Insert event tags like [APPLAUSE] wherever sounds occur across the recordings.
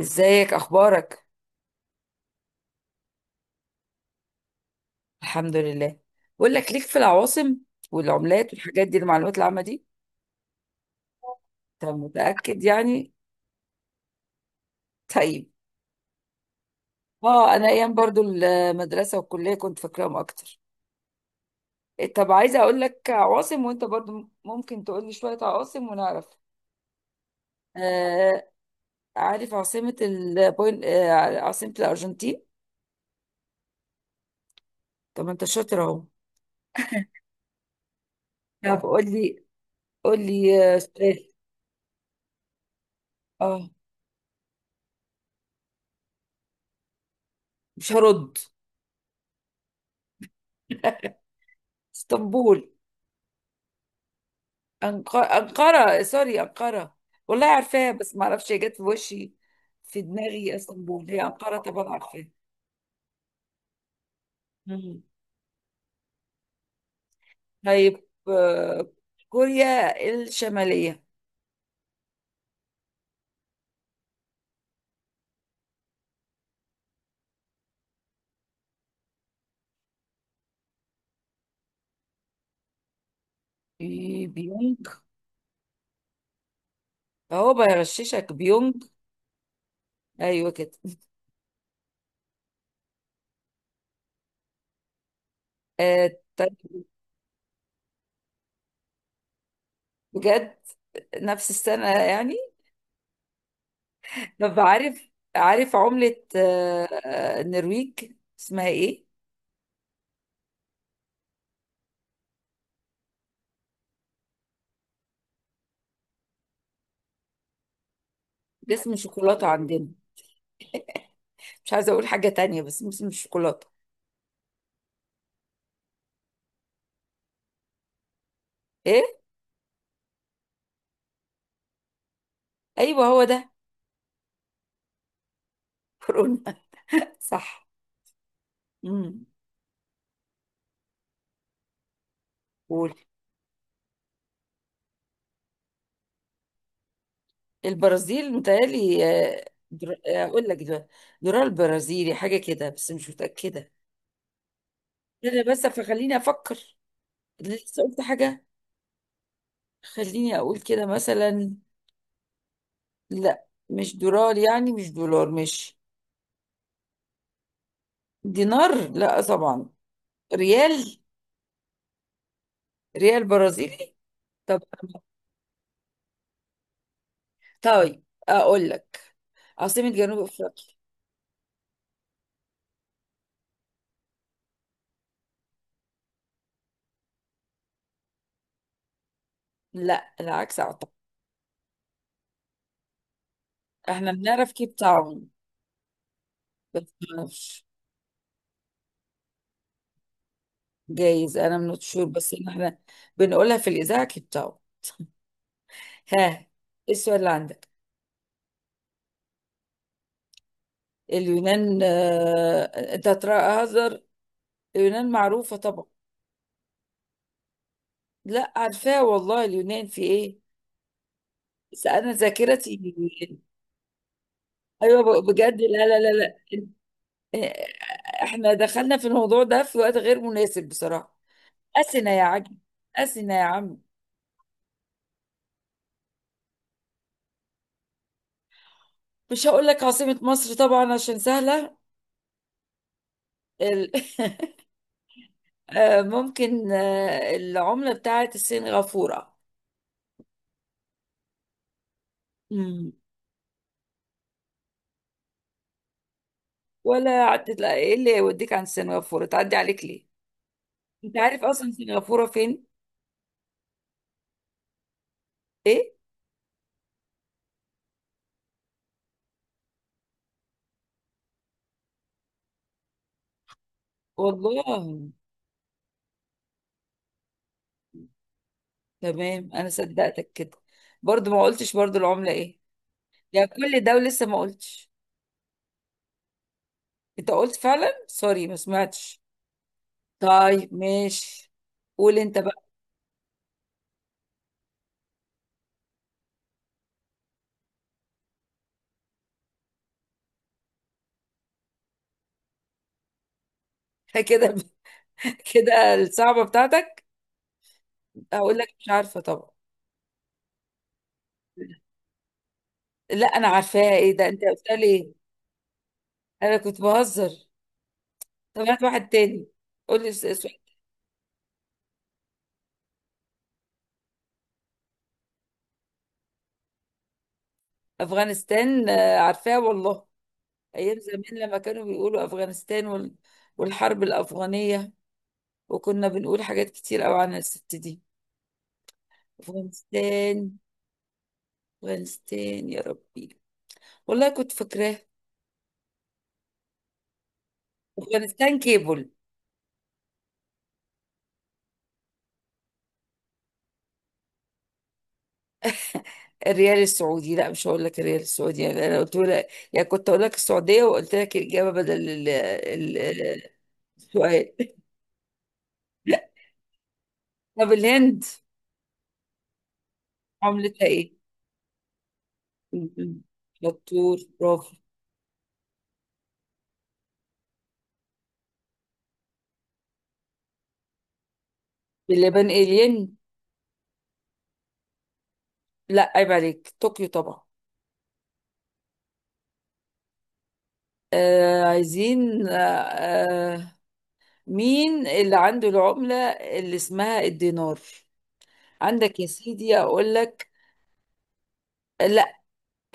ازيك اخبارك؟ الحمد لله. بقول لك ليك في العواصم والعملات والحاجات دي، المعلومات العامه دي. انت متاكد يعني؟ طيب. اه، انا ايام برضو المدرسه والكليه كنت فاكراهم اكتر. طب عايزه اقول لك عواصم وانت برضو ممكن تقول لي شويه عواصم ونعرف. آه. عارف عاصمه البوين، عاصمه الارجنتين؟ طب ما انت شاطر اهو. طب قول لي، قول لي سؤال. اه. مش هرد. [LAUGHS] اسطنبول. أنقرة، سوري، أنقرة. والله عارفاها بس ما اعرفش هي جت في وشي. في دماغي اسطنبول، هي أنقرة طبعا عارفاها. مم. طيب كوريا الشمالية. بيونج. اهو بغششك، بيونج. ايوه كده. آه طيب. بجد؟ نفس السنة يعني؟ طب عارف، عارف عملة النرويج اسمها ايه؟ ده اسم شوكولاتة عندنا. مش عايزة اقول حاجة تانية بس اسم الشوكولاتة. ايه؟ ايوه هو ده. كورونا. صح. امم قول. البرازيل متهيألي آه، در... آه، اقول لك ده، درار برازيلي حاجه كده بس مش متاكده. انا بس فخليني افكر. لسه قلت حاجه. خليني اقول كده مثلا. لا مش دولار، يعني مش دولار، مش دينار لا طبعا. ريال. ريال برازيلي. طب، طيب اقول لك عاصمه جنوب افريقيا. لا، العكس اعتقد. احنا بنعرف كيب تاون بس ما نعرفش. جايز انا من شور بس إن احنا بنقولها في الاذاعه كيبتاو. ها، إيه السؤال اللي عندك؟ اليونان؟ انت هتهزر، اليونان معروفه طبعا. لا عارفاها والله، اليونان في ايه، بس انا ذاكرتي. ايوه، بجد، لا لا لا لا. إيه، احنا دخلنا في الموضوع ده في وقت غير مناسب بصراحه. اثينا يا عجل. اثينا يا عم. مش هقول لك عاصمه مصر طبعا عشان سهله. ال... [LAUGHS] ممكن العملة بتاعت السنغافورة. امم ولا عدت، لا، ايه اللي يوديك عن سنغافورة تعدي عليك ليه؟ انت عارف اصلا سنغافورة فين؟ ايه؟ والله؟ تمام انا صدقتك كده. برضو ما قلتش برضو العملة ايه. يا كل ده ولسه ما قلتش. انت قلت فعلا، سوري ما سمعتش. طيب ماشي. قول انت بقى. [LAUGHS] كده؟ كده الصعبة بتاعتك؟ هقول لك مش عارفة طبعا. لا انا عارفاها، ايه ده انت قلت لي ايه؟ انا كنت بهزر. طب هات واحد تاني. قول لي سؤال. افغانستان عارفاه والله. ايام زمان لما كانوا بيقولوا افغانستان وال... والحرب الافغانيه، وكنا بنقول حاجات كتير قوي عن الست دي. افغانستان. افغانستان يا ربي، والله كنت فاكراه. افغانستان كيبل. الريال السعودي، لا مش هقول لك الريال السعودي يعني. انا قلت لك، يعني كنت اقول لك السعوديه وقلت لك الاجابه بدل ال... ال... السؤال. [LAUGHS] طب الهند عملتها ايه؟ م- شطور، برافو. باللبان الين. لا عيب عليك، طوكيو طبعا. آه عايزين آه، آه، مين اللي عنده العملة اللي اسمها الدينار؟ عندك يا سيدي، اقول لك؟ لا.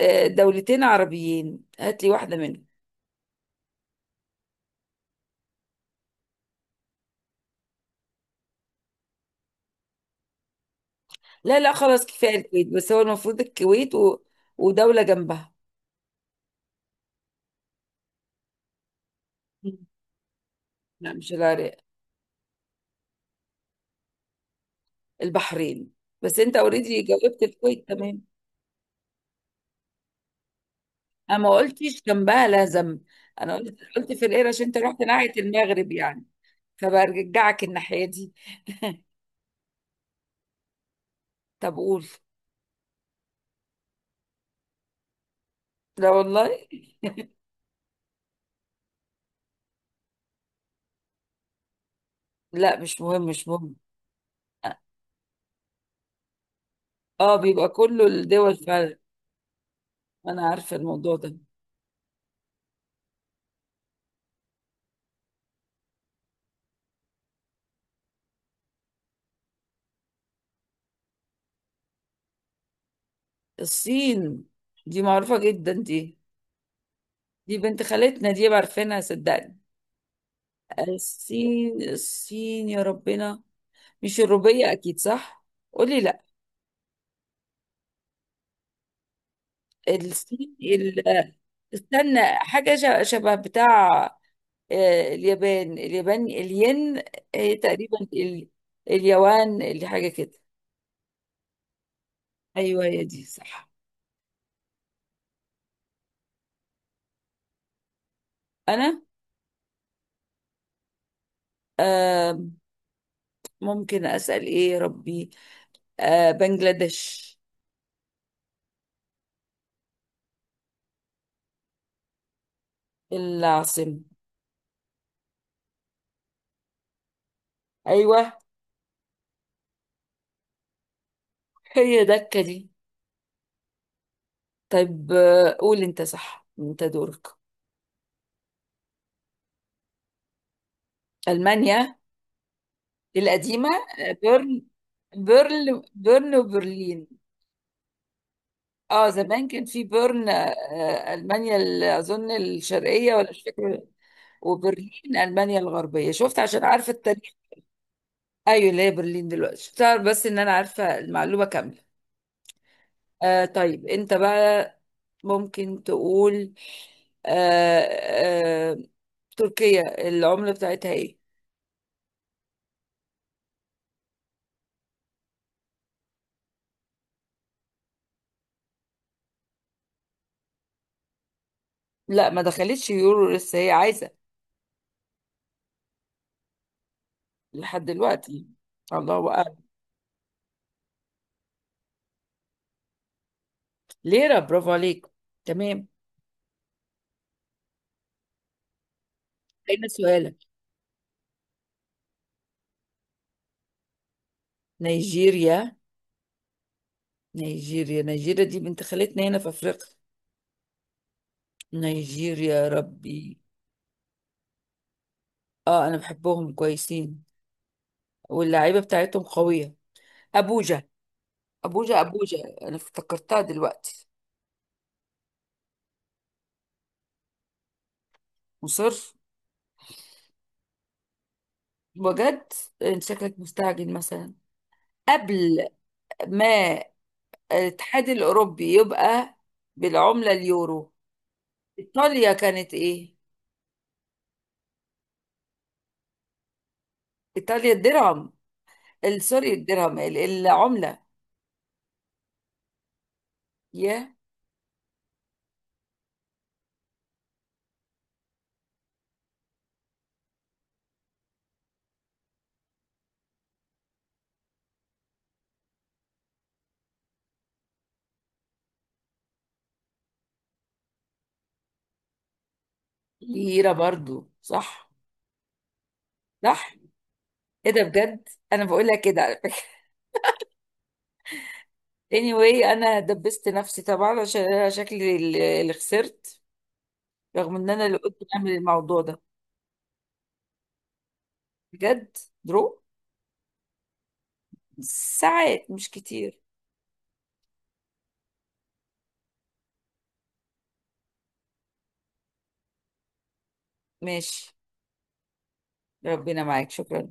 آه دولتين عربيين، هات لي واحدة منهم. لا لا خلاص، كفاية الكويت. بس هو المفروض الكويت و... ودولة جنبها. مم. لا مش العراق. البحرين. بس انت اوريدي جاوبت الكويت تمام. انا ما قلتش جنبها لا ذنب. انا قلت، قلت في القرش عشان انت رحت ناحية المغرب يعني، فبرجعك الناحية دي. طب قول. لا والله. لا مش مهم، مش مهم. اه بيبقى كله الدول فعلا، انا عارفة الموضوع ده. الصين دي معروفة جدا دي، دي بنت خالتنا دي، عارفينها صدقني. الصين، الصين يا ربنا. مش الروبية اكيد صح؟ قولي لا. الصين ال... استنى حاجة، شبه بتاع اليابان، اليابان الين، تقريبا ال... اليوان اللي حاجة كده. ايوه هي دي صح. انا آه، ممكن اسال ايه يا ربي؟ آه بنجلاديش. العاصمه. ايوه هي دكه دي. طيب آه قول انت، صح انت دورك. المانيا القديمه. آه، بيرن بيرن بيرن وبرلين. اه زمان كان في بيرن المانيا ال- اظن الشرقيه ولا مش فاكره. وبرلين المانيا الغربيه. شفت عشان عارفه التاريخ. ايوه اللي هي برلين دلوقتي، شفت بس ان انا عارفه المعلومه كامله. آه طيب انت بقى ممكن تقول آه، آه، تركيا العملة بتاعتها ايه؟ لا ما دخلتش يورو لسه، هي عايزة لحد دلوقتي، الله أعلم. ليرة، برافو عليك، تمام. هنا سؤالك. نيجيريا؟ نيجيريا، نيجيريا دي بنت خالتنا هنا في أفريقيا. نيجيريا يا ربي. اه أنا بحبهم كويسين، واللعيبة بتاعتهم قوية. أبوجا. أبوجا، أبوجا. أنا افتكرتها دلوقتي. مصر. بجد؟ انت شكلك مستعجل مثلا. قبل ما الاتحاد الاوروبي يبقى بالعمله اليورو، ايطاليا كانت ايه؟ ايطاليا الدرهم، ال- سوري الدرهم ال- العمله يا ليره، برضو صح؟ صح. ايه ده بجد، انا بقول لك كده [LAUGHS] على فكره. anyway، انا دبست نفسي طبعا، عشان انا شكلي اللي خسرت، رغم ان انا اللي قلت اعمل الموضوع ده. بجد. درو. ساعات مش كتير. ماشي. ربنا معاك، شكرا.